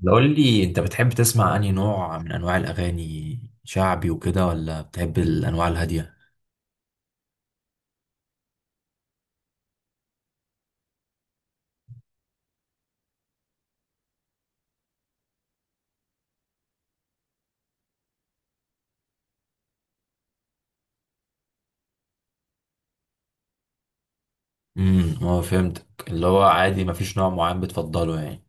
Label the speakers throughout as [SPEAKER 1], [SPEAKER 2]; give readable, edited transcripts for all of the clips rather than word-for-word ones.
[SPEAKER 1] لو قول لي انت بتحب تسمع انهي نوع من انواع الاغاني شعبي وكده، ولا بتحب الانواع الهاديه؟ امم. هو فهمتك، اللي هو عادي مفيش نوع معين بتفضله يعني.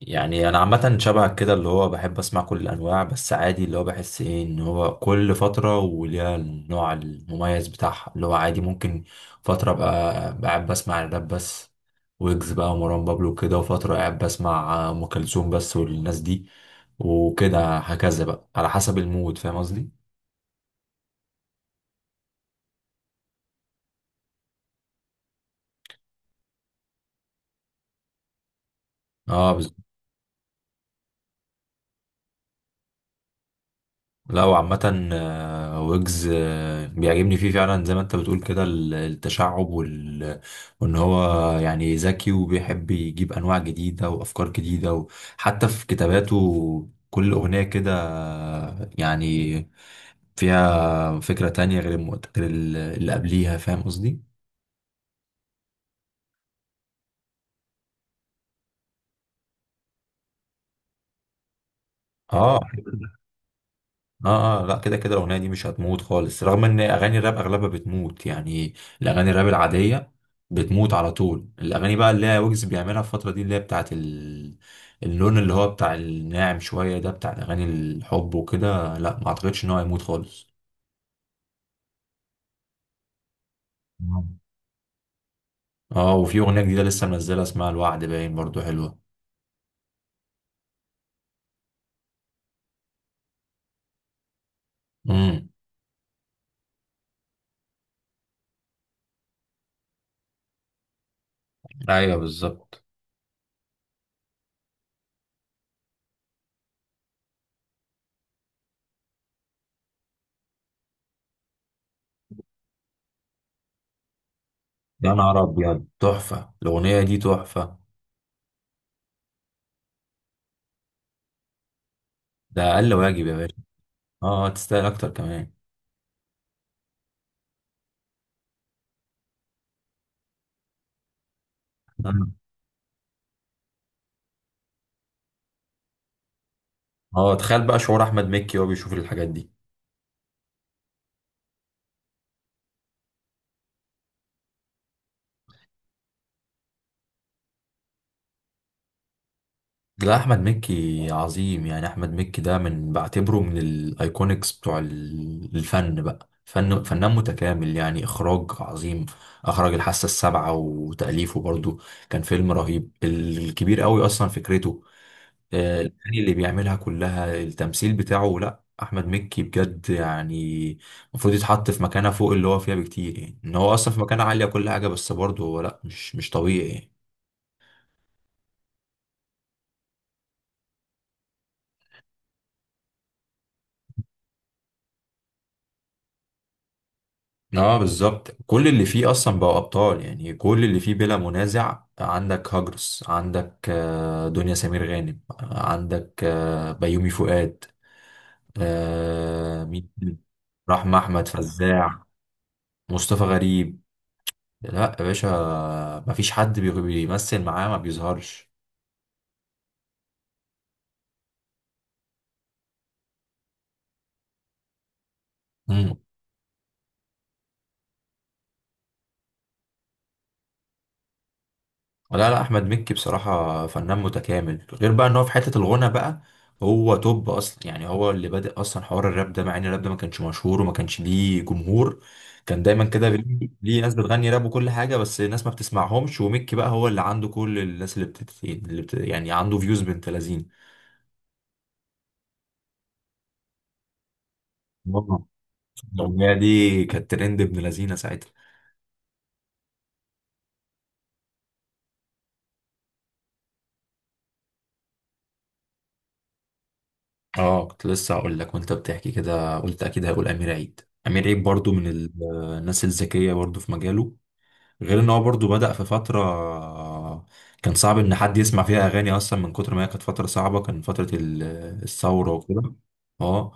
[SPEAKER 1] يعني انا عامه شبهك كده اللي هو بحب اسمع كل الانواع، بس عادي اللي هو بحس ايه ان هو كل فتره وليها النوع المميز بتاعها. اللي هو عادي ممكن فتره ابقى قاعد بسمع الراب بس، ويجز بقى ومروان بابلو كده، وفتره قاعد بسمع ام كلثوم بس والناس دي وكده هكذا بقى على حسب المود. فاهم قصدي؟ اه. لا وعامة ويجز بيعجبني فيه فعلا زي ما انت بتقول كده التشعب وال... وان هو يعني ذكي وبيحب يجيب انواع جديدة وافكار جديدة، وحتى في كتاباته كل اغنية كده يعني فيها فكرة تانية غير غير اللي قبليها. فاهم قصدي؟ اه اه. اه لا كده كده الاغنيه دي مش هتموت خالص، رغم ان اغاني الراب اغلبها بتموت يعني. الاغاني الراب العاديه بتموت على طول. الاغاني بقى اللي هي ويجز بيعملها الفتره دي اللي هي بتاعت ال... اللون اللي هو بتاع الناعم شويه ده، بتاع اغاني الحب وكده، لا ما اعتقدش ان هو هيموت خالص. مم. اه وفي اغنيه جديده لسه منزلها اسمها الوعد باين، برضو حلوه. امم. ايوه بالظبط. يا نهار ابيض، تحفه الاغنيه دي، تحفه. ده اقل واجب يا باشا. اه تستاهل اكتر كمان. اه تخيل بقى شعور احمد مكي وهو بيشوف الحاجات دي. لا احمد مكي عظيم يعني. احمد مكي ده من بعتبره من الايكونكس بتوع الفن بقى. فن فنان متكامل يعني، اخراج عظيم، اخرج الحاسه السابعه وتاليفه برضو، كان فيلم رهيب الكبير قوي اصلا فكرته، الاغاني اللي بيعملها كلها، التمثيل بتاعه. لا احمد مكي بجد يعني المفروض يتحط في مكانه فوق اللي هو فيها بكتير، يعني ان هو اصلا في مكانه عاليه كل حاجه، بس برضه هو لا مش طبيعي يعني. اه بالظبط، كل اللي فيه اصلا بقوا ابطال يعني، كل اللي فيه بلا منازع. عندك هاجرس، عندك دنيا سمير غانم، عندك بيومي فؤاد، مين؟ رحمة احمد فزاع، مصطفى غريب. لا يا باشا مفيش حد بيمثل معاه ما بيظهرش. لا لا احمد مكي بصراحه فنان متكامل، غير بقى ان هو في حته الغنى بقى هو توب اصلا. يعني هو اللي بادئ اصلا حوار الراب ده، مع ان الراب ده ما كانش مشهور وما كانش ليه جمهور. كان دايما كده ليه ناس بتغني راب وكل حاجه، بس الناس ما بتسمعهمش. ومكي بقى هو اللي عنده كل الناس اللي, بتت... اللي بت... يعني عنده فيوز بنت لذين. آه. الاغنيه دي كانت ترند ابن لذينه ساعتها. اه كنت لسه هقول لك وانت بتحكي كده قلت اكيد هقول امير عيد. امير عيد برضو من الناس الذكيه برضو في مجاله. غير ان هو برضو بدأ في فترة كان صعب ان حد يسمع فيها اغاني اصلا، من كتر ما هي كانت فترة صعبة. كان فترة الثورة وكده. اه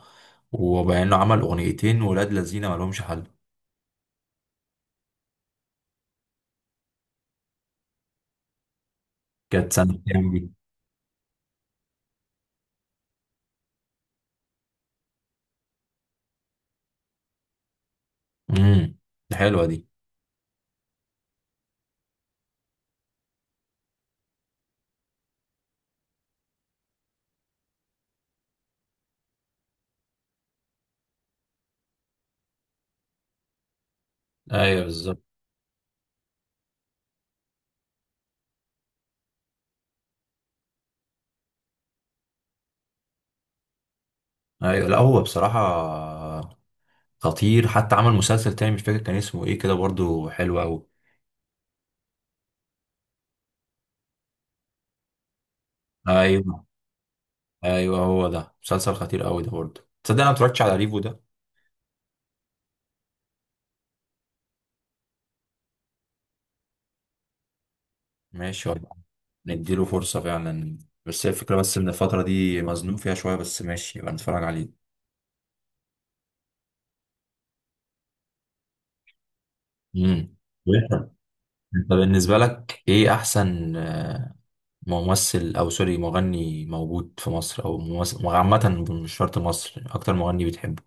[SPEAKER 1] وبقى انه عمل اغنيتين ولاد لذينه ما لهمش حل. كانت سنة كام دي؟ امم. دي حلوة دي. ايوه بالظبط. ايوه لا هو بصراحة خطير، حتى عمل مسلسل تاني مش فاكر كان اسمه ايه كده، برضو حلو قوي. ايوه. ايوه هو ده، مسلسل خطير قوي ده برضو. تصدق انا ما اتفرجتش على ريفو ده. ماشي والله. نديله فرصة فعلا. بس هي الفكرة بس إن الفترة دي مزنوق فيها شوية، بس ماشي يبقى نتفرج عليه. امم. انت بالنسبة لك ايه احسن ممثل او سوري مغني موجود في مصر، او ممثل عامة مش شرط مصر، اكتر مغني بتحبه؟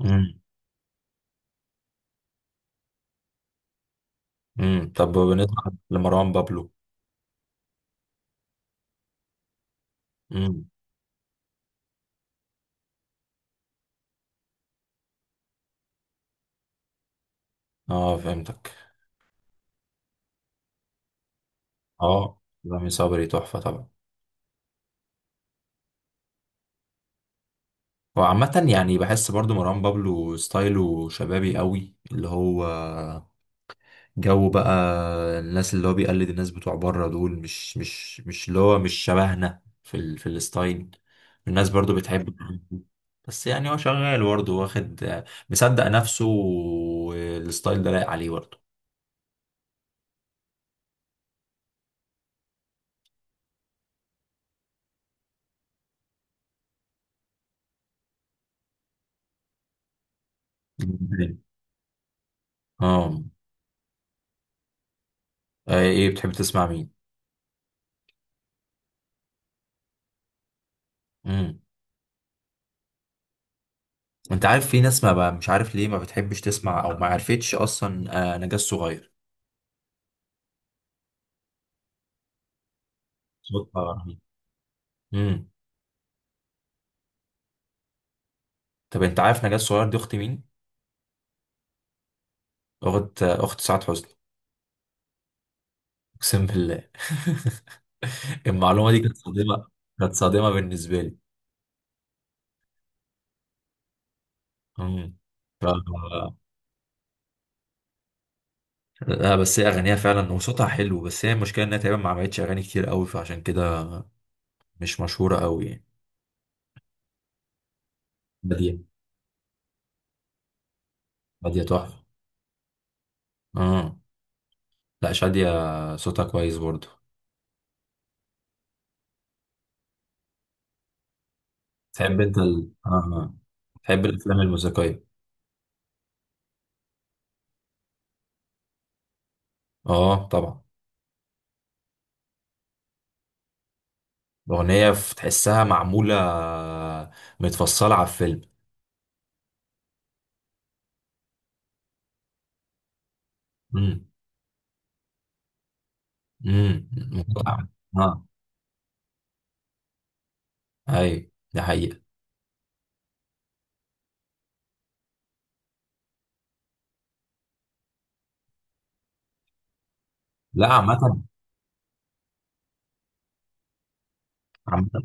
[SPEAKER 1] امم. طب بالنسبة لمروان بابلو؟ امم. اه فهمتك. اه رامي صبري تحفة طبعا. وعامة يعني بحس برضو مروان بابلو ستايله شبابي قوي، اللي هو جو بقى، الناس اللي هو بيقلد الناس بتوع بره دول، مش اللي هو مش شبهنا في ال... في الستايل. الناس برضو بتحب بس يعني هو شغال برضه، واخد مصدق نفسه، والستايل ده لايق عليه برضه. مم. اه. ايه بتحب تسمع مين؟ امم انت عارف في ناس ما بقى مش عارف ليه ما بتحبش تسمع، او ما عرفتش اصلا، نجاة صغير. صوتها رهيب. امم. طب انت عارف نجاة صغير دي اخت مين؟ اخت اخت سعاد حسني. اقسم بالله المعلومة دي كانت صادمة. كانت صادمة بالنسبة لي. امم. ف... لا بس هي أغانيها فعلا وصوتها حلو، بس هي المشكلة إنها تقريبا ما عملتش أغاني كتير قوي، فعشان كده مش مشهورة قوي يعني. بادية. بادية تحفة. اه لا شادية صوتها كويس برضه. تحب أنت ال... آه. تحب الأفلام الموسيقية؟ اه طبعا. الأغنية تحسها معمولة متفصلة على الفيلم. امم. امم. اه أي دي حقيقة. لا عامة. عامة.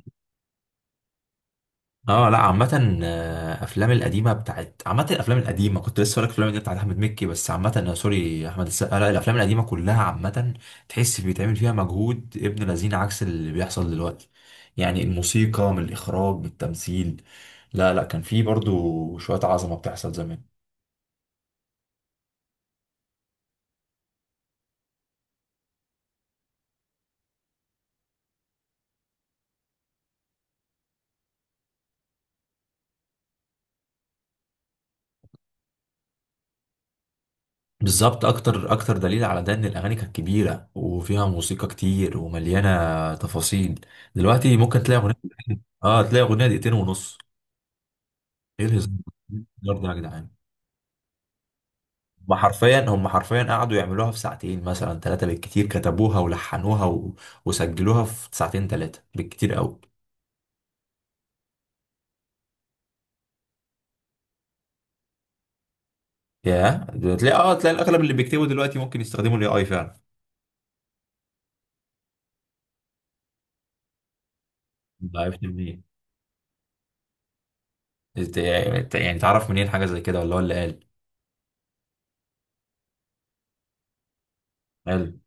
[SPEAKER 1] اه لا عامة، افلام القديمة بتاعت عامة الافلام القديمة كنت لسه هقولك الافلام القديمة بتاعت احمد مكي، بس عامة، سوري، احمد السقا، لا الافلام القديمة كلها عامة. تحس بيتعمل فيها مجهود ابن لذين، عكس اللي بيحصل دلوقتي. يعني الموسيقى، من الاخراج، من التمثيل. لا لا كان في برضو شوية عظمة بتحصل زمان. بالظبط. اكتر اكتر دليل على ده ان الاغاني كانت كبيرة وفيها موسيقى كتير ومليانة تفاصيل. دلوقتي ممكن تلاقي اغنية... اه تلاقي اغنية دقيقتين ونص. ايه الهزار؟ إيه الهزار ده يا جدعان؟ هم حرفيا قعدوا يعملوها في ساعتين مثلا 3 بالكتير، كتبوها ولحنوها و... وسجلوها في ساعتين 3 بالكتير قوي. يا ده تلاقي، اه تلاقي الاغلب اللي بيكتبوا دلوقتي ممكن يستخدموا الAI فعلا. ده عرفت منين؟ يعني تعرف منين حاجة زي كده ولا هو اللي قال؟ قال.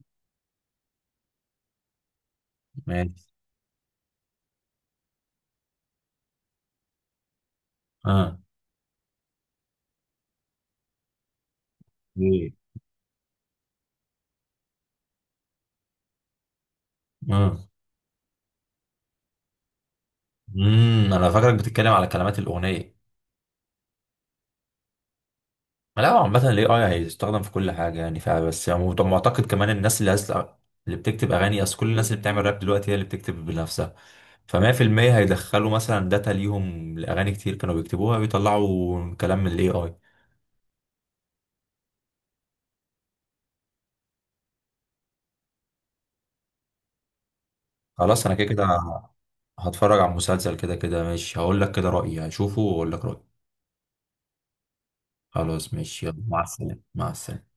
[SPEAKER 1] ماشي. اه. ايه؟ اه. انا فاكرك بتتكلم على كلمات الاغنية. لا هو عامة ال AI هيستخدم في كل حاجة يعني، فبس يعني طب معتقد كمان الناس اللي عايز اللي بتكتب أغاني، أصل كل الناس اللي بتعمل راب دلوقتي هي اللي بتكتب بنفسها، ف100% هيدخلوا مثلا داتا ليهم لأغاني كتير كانوا بيكتبوها، بيطلعوا كلام من ال AI. خلاص أنا كده كده هتفرج على المسلسل كده كده ماشي، هقول لك كده رأيي، هشوفه وأقول لك رأيي. خلاص ماشي يلا، مع السلامة مع السلامة.